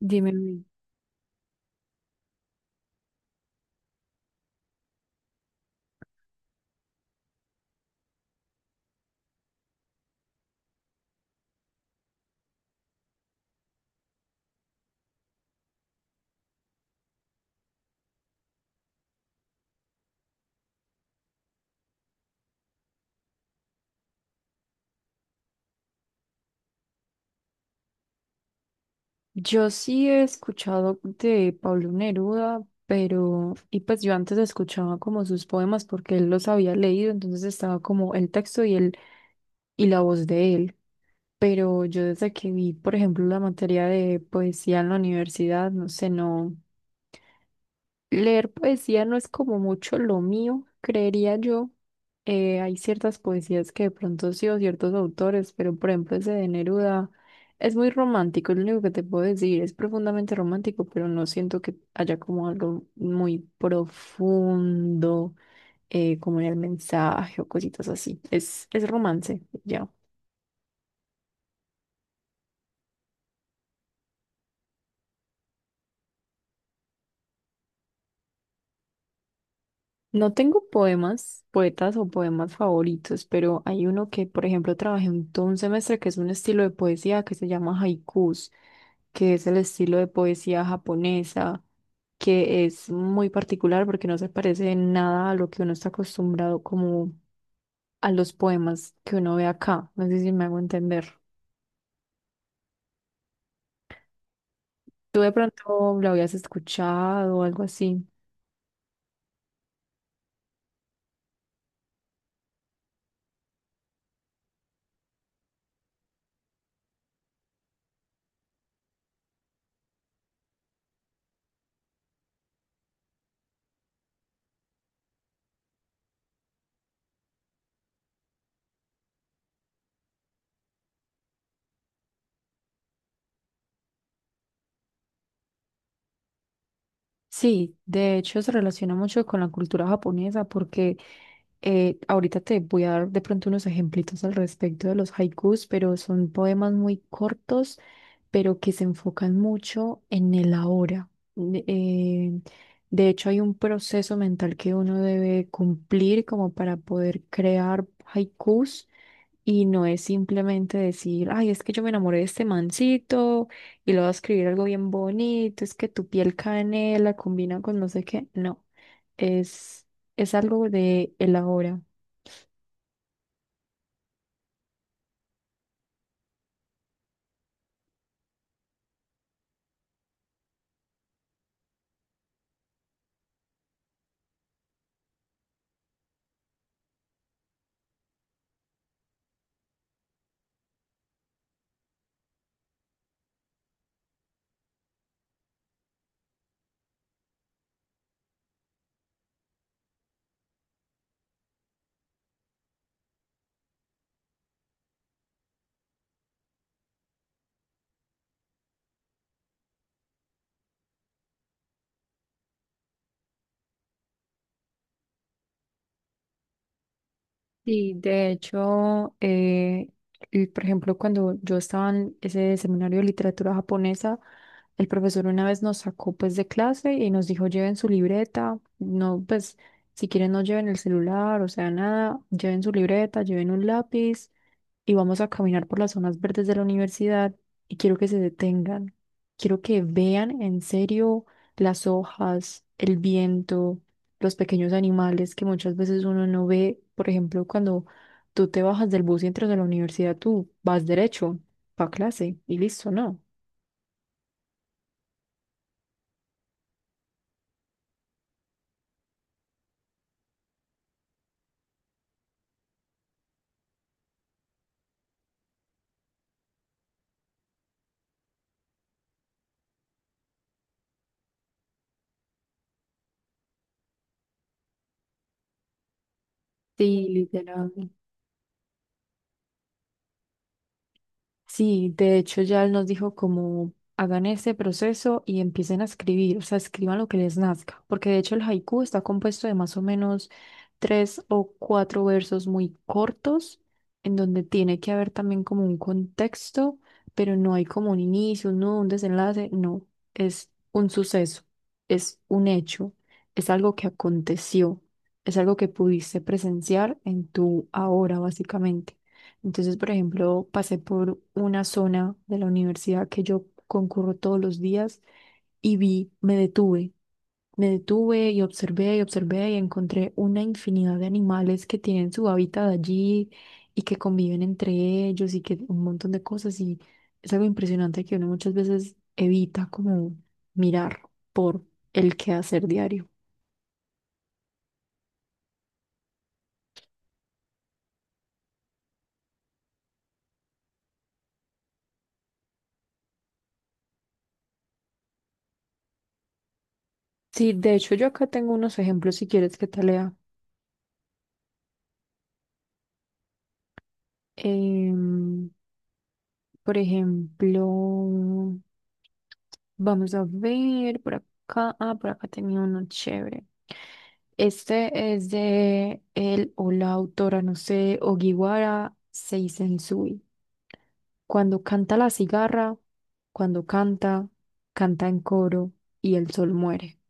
Dime, Luis. Yo sí he escuchado de Pablo Neruda, pero, y pues yo antes escuchaba como sus poemas porque él los había leído, entonces estaba como el texto y y la voz de él. Pero yo desde que vi, por ejemplo, la materia de poesía en la universidad, no sé, no. Leer poesía no es como mucho lo mío, creería yo. Hay ciertas poesías que de pronto sí o ciertos autores, pero por ejemplo ese de Neruda es muy romántico, es lo único que te puedo decir, es profundamente romántico, pero no siento que haya como algo muy profundo, como en el mensaje o cositas así. Es romance, ya. No tengo poemas, poetas o poemas favoritos, pero hay uno que, por ejemplo, trabajé todo un semestre que es un estilo de poesía que se llama haikus, que es el estilo de poesía japonesa, que es muy particular porque no se parece en nada a lo que uno está acostumbrado como a los poemas que uno ve acá. No sé si me hago entender. ¿Tú de pronto lo habías escuchado o algo así? Sí, de hecho se relaciona mucho con la cultura japonesa porque ahorita te voy a dar de pronto unos ejemplitos al respecto de los haikus, pero son poemas muy cortos, pero que se enfocan mucho en el ahora. Ne- eh, de hecho hay un proceso mental que uno debe cumplir como para poder crear haikus y no es simplemente decir, ay, es que yo me enamoré de este mancito y lo voy a escribir algo bien bonito, es que tu piel canela combina con no sé qué. No, es, es algo de el ahora. Y de hecho, y por ejemplo, cuando yo estaba en ese seminario de literatura japonesa, el profesor una vez nos sacó pues de clase y nos dijo, lleven su libreta, no, pues si quieren no lleven el celular, o sea, nada, lleven su libreta, lleven un lápiz y vamos a caminar por las zonas verdes de la universidad y quiero que se detengan. Quiero que vean en serio las hojas, el viento, los pequeños animales que muchas veces uno no ve. Por ejemplo, cuando tú te bajas del bus y entras a la universidad, tú vas derecho para clase y listo, ¿no? Sí, literal. Sí, de hecho ya él nos dijo como hagan ese proceso y empiecen a escribir, o sea, escriban lo que les nazca, porque de hecho el haiku está compuesto de más o menos tres o cuatro versos muy cortos, en donde tiene que haber también como un contexto, pero no hay como un inicio, no un desenlace, no, es un suceso, es un hecho, es algo que aconteció, es algo que pudiste presenciar en tu ahora, básicamente. Entonces, por ejemplo, pasé por una zona de la universidad que yo concurro todos los días y vi, me detuve y observé y encontré una infinidad de animales que tienen su hábitat allí y que conviven entre ellos y que un montón de cosas y es algo impresionante que uno muchas veces evita como mirar por el quehacer diario. Sí, de hecho yo acá tengo unos ejemplos si quieres que te lea. Em, Por ejemplo, vamos a ver por acá. Ah, por acá tenía uno chévere. Este es de él o la autora, no sé, Ogiwara Seisensui. Cuando canta la cigarra, cuando canta, canta en coro y el sol muere.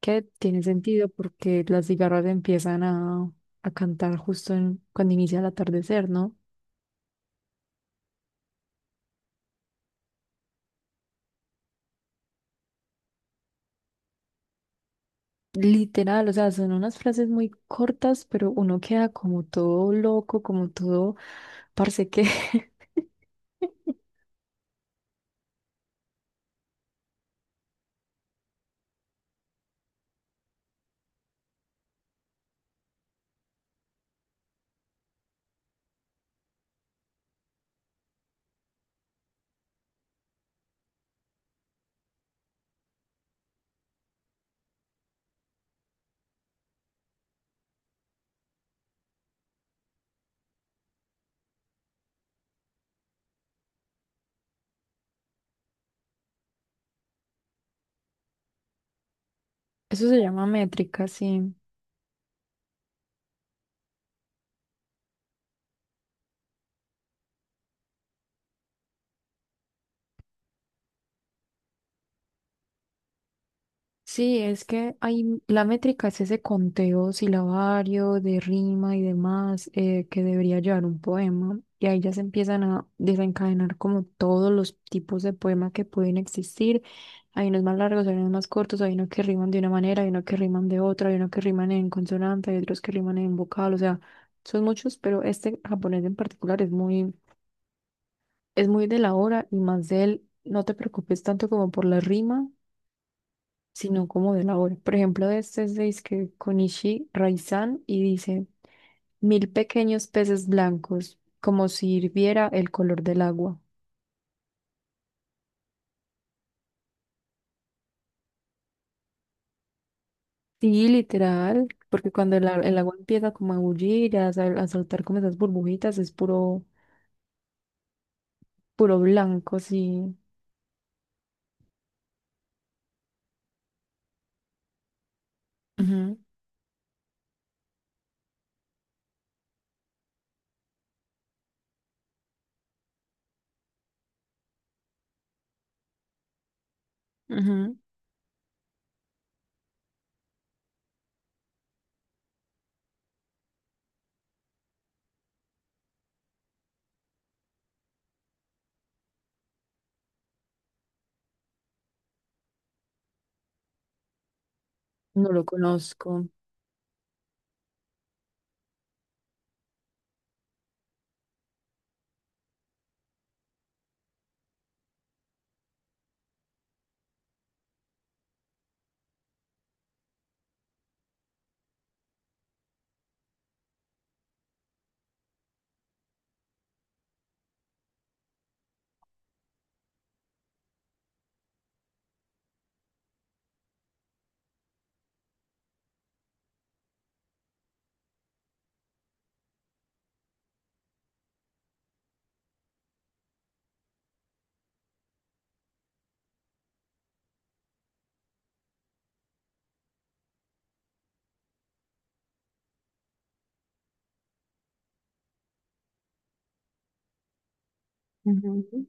Que tiene sentido porque las cigarras empiezan a cantar justo cuando inicia el atardecer, ¿no? Literal, o sea, son unas frases muy cortas, pero uno queda como todo loco, como todo, parece que eso se llama métrica, sí. Sí, es que hay, la métrica es ese conteo silabario de rima y demás que debería llevar un poema. Y ahí ya se empiezan a desencadenar como todos los tipos de poema que pueden existir. Hay unos más largos, hay unos más cortos, hay unos que riman de una manera, hay unos que riman de otra, hay unos que riman en consonante, hay otros que riman en vocal. O sea, son muchos, pero este japonés en particular es es muy de la hora y más de él. No te preocupes tanto como por la rima sino como de la obra. Por ejemplo, este es de Isuke Konishi Raizan y dice, mil pequeños peces blancos, como si hirviera el color del agua. Sí, literal, porque cuando el agua empieza como a bullir, a saltar como esas burbujitas, es puro, puro blanco, sí. Ujú, ujú. No lo conozco. Ujú.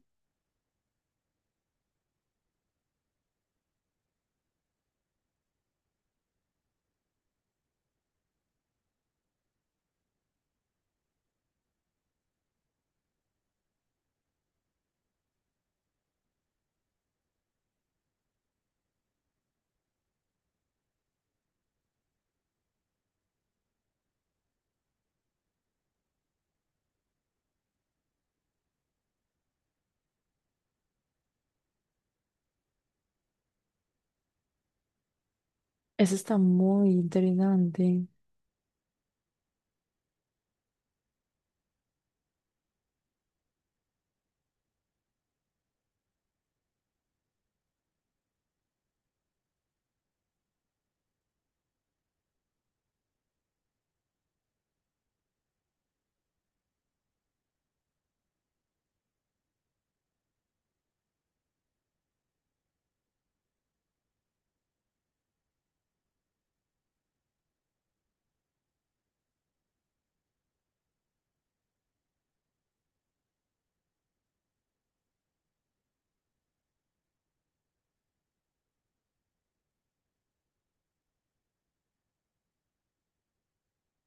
Eso está muy interesante.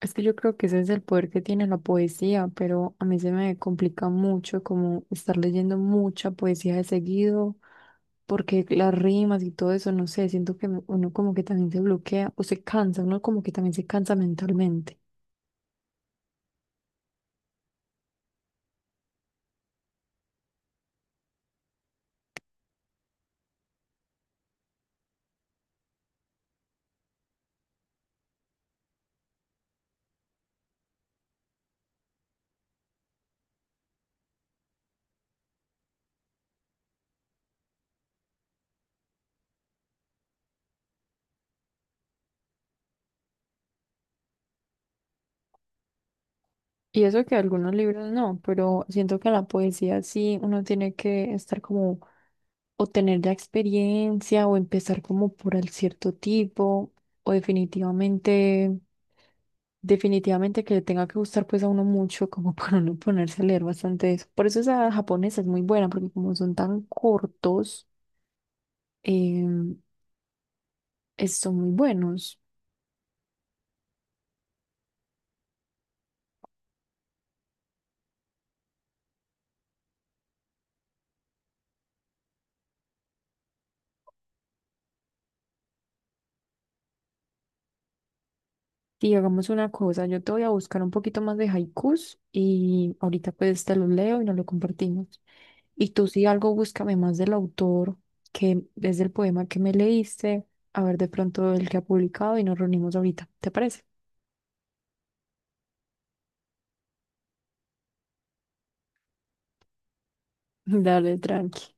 Es que yo creo que ese es el poder que tiene la poesía, pero a mí se me complica mucho como estar leyendo mucha poesía de seguido, porque las rimas y todo eso, no sé, siento que uno como que también se bloquea o se cansa, uno como que también se cansa mentalmente. Y eso que algunos libros no, pero siento que la poesía sí uno tiene que estar como o tener ya experiencia o empezar como por el cierto tipo o definitivamente que le tenga que gustar pues a uno mucho como para uno ponerse a leer bastante de eso. Por eso esa japonesa es muy buena porque como son tan cortos, em, son muy buenos. Sí, hagamos una cosa, yo te voy a buscar un poquito más de haikus y ahorita pues te los leo y nos lo compartimos. Y tú si algo búscame más del autor, que es del poema que me leíste, a ver de pronto el que ha publicado y nos reunimos ahorita, ¿te parece? Dale, tranqui.